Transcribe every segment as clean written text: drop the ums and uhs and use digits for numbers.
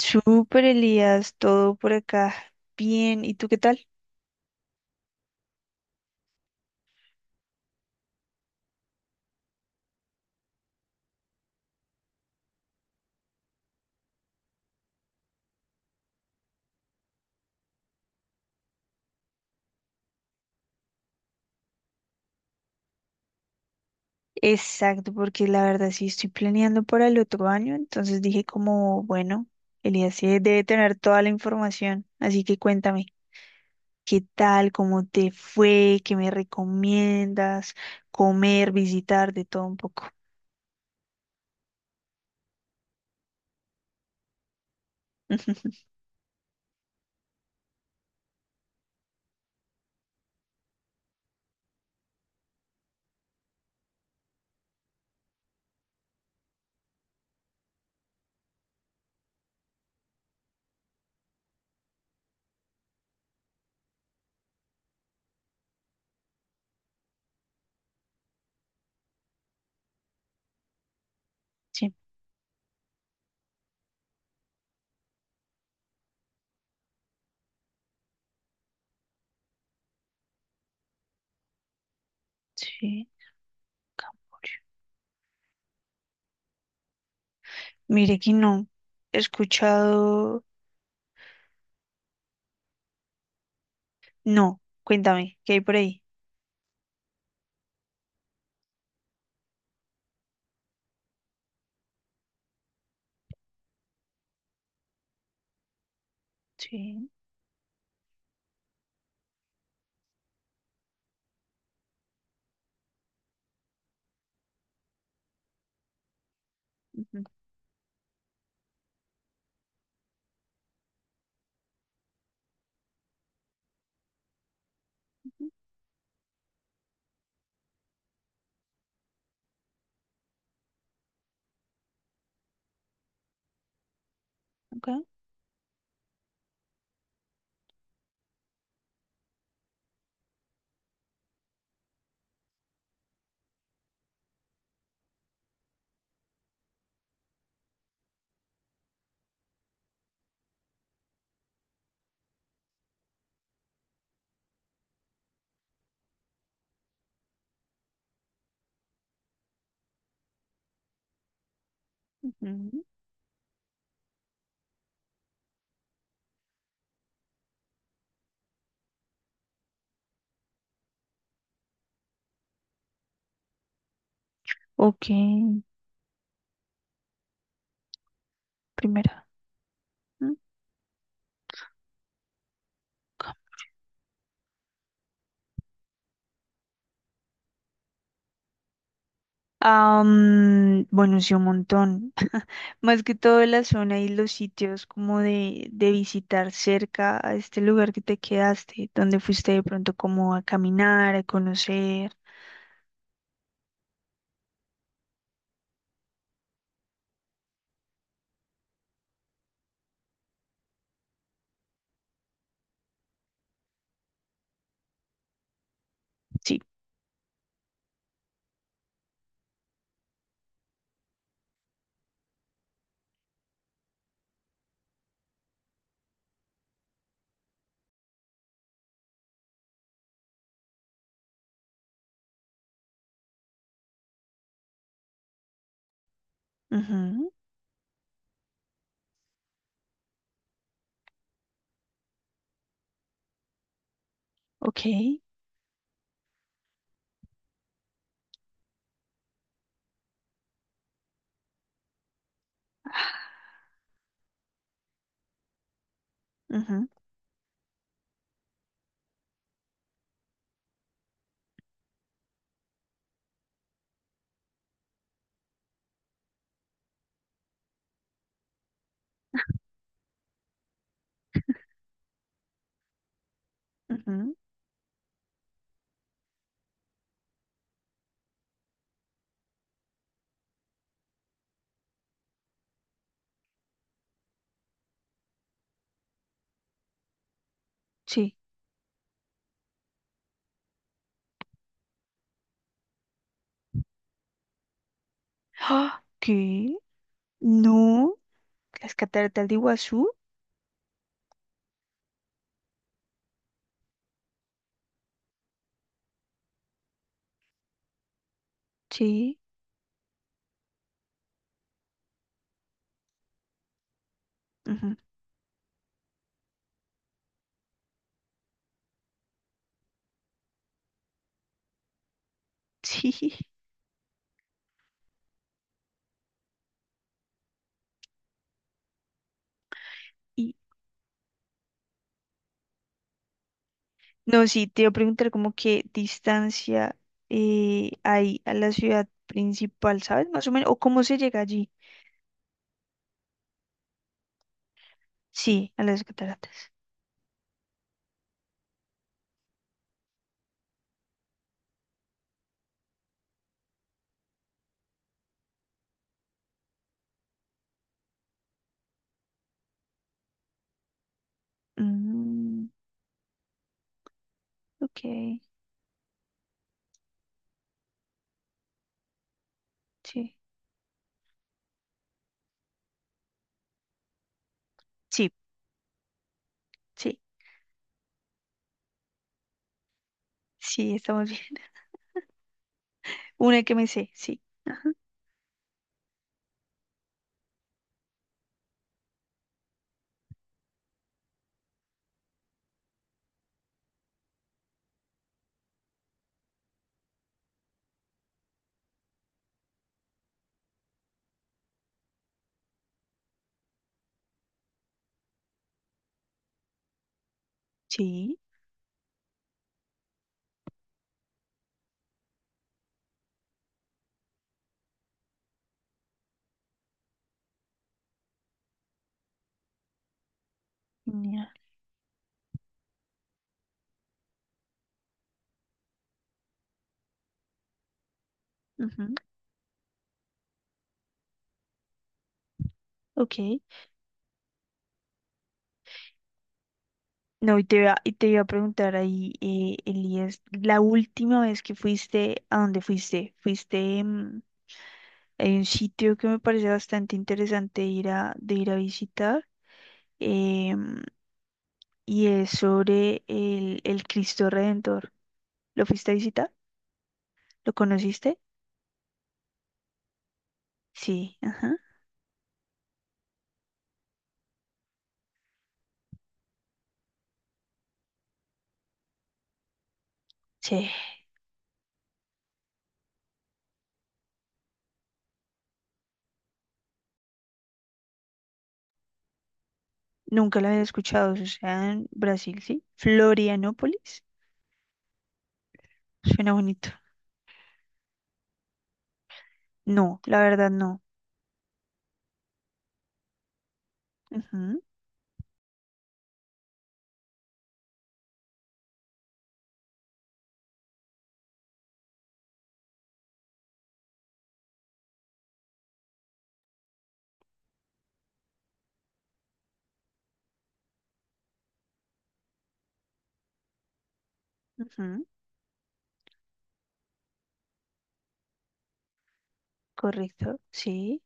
Súper, Elías, todo por acá. Bien, ¿y tú qué tal? Exacto, porque la verdad sí estoy planeando para el otro año, entonces dije como, bueno, Elías sí debe tener toda la información, así que cuéntame, ¿qué tal? ¿Cómo te fue? ¿Qué me recomiendas? Comer, visitar, de todo un poco. Sí, sí, Camboya. Mire que no, he escuchado, no, cuéntame, ¿qué hay por ahí? Sí, ujú, ok. Ujú. Ok, primera. Mm. Bueno, sí, un montón. Más que todo la zona y los sitios como de visitar cerca a este lugar que te quedaste, donde fuiste de pronto como a caminar, a conocer. Sí. Ujú. Ok. Ujú, ujú, sí. ¡Ah! ¿Qué? No. Las cataratas de Iguazú. Sí, ujú, sí. No, sí, te iba a preguntar como qué distancia hay a la ciudad principal, ¿sabes? Más o menos, o cómo se llega allí. Sí, a las cataratas. Mm, ok, sí. Sí, sí, sí, estamos bien. Una que me sé, sí. Ajá. Sí, genial. Ujú, ok. No, y te iba a preguntar ahí, Elías, la última vez que fuiste, ¿a dónde fuiste? Fuiste, mm, hay un sitio que me parece bastante interesante ir a, de ir a visitar, em, y es sobre el Cristo Redentor. ¿Lo fuiste a visitar? ¿Lo conociste? Sí, ajá. Sí, nunca lo había escuchado, o sea, en Brasil, sí. Florianópolis, suena bonito. No, la verdad no. Ujú, ujú. Correcto, sí,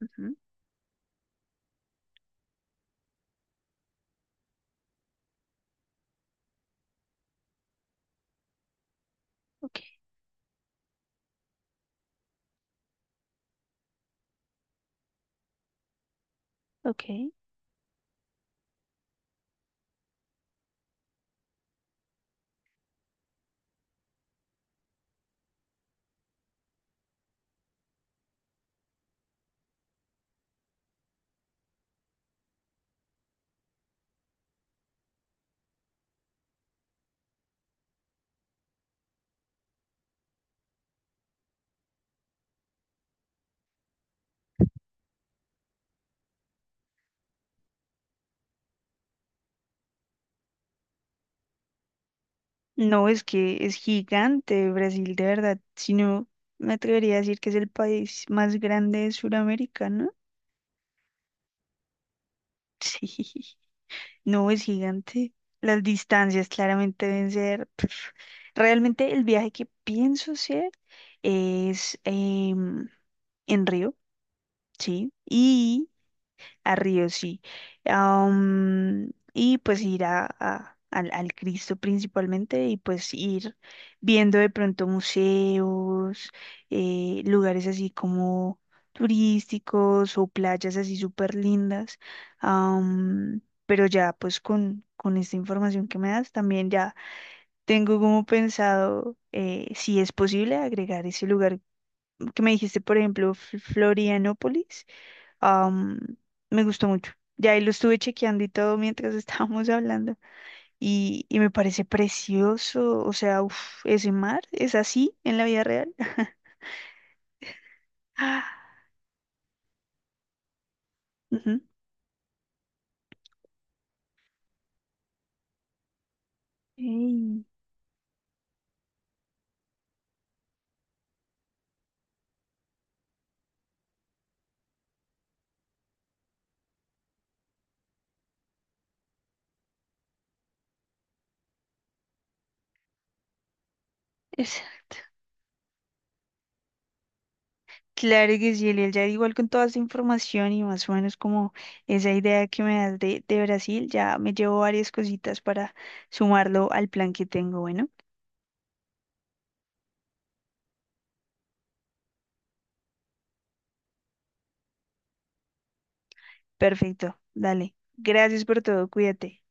ujú. Ok, ok. No, es que es gigante Brasil, de verdad. Si no, me atrevería a decir que es el país más grande de Sudamérica, ¿no? Sí, no, es gigante. Las distancias claramente deben ser... pf. Realmente el viaje que pienso hacer es en Río, sí. Y a Río, sí. Y pues ir a, al Cristo principalmente y pues ir viendo de pronto museos, lugares así como turísticos o playas así súper lindas. Am, pero ya pues con esta información que me das también ya tengo como pensado si es posible agregar ese lugar que me dijiste, por ejemplo, Florianópolis am, me gustó mucho. Ya ahí lo estuve chequeando y todo mientras estábamos hablando y me parece precioso, o sea, uf, ese mar es así en la vida real. Ah, ujú. Ey, exacto. Claro que sí, Eliel, ya igual con toda esa información y más o menos como esa idea que me das de Brasil, ya me llevo varias cositas para sumarlo al plan que tengo. Bueno, perfecto, dale. Gracias por todo, cuídate.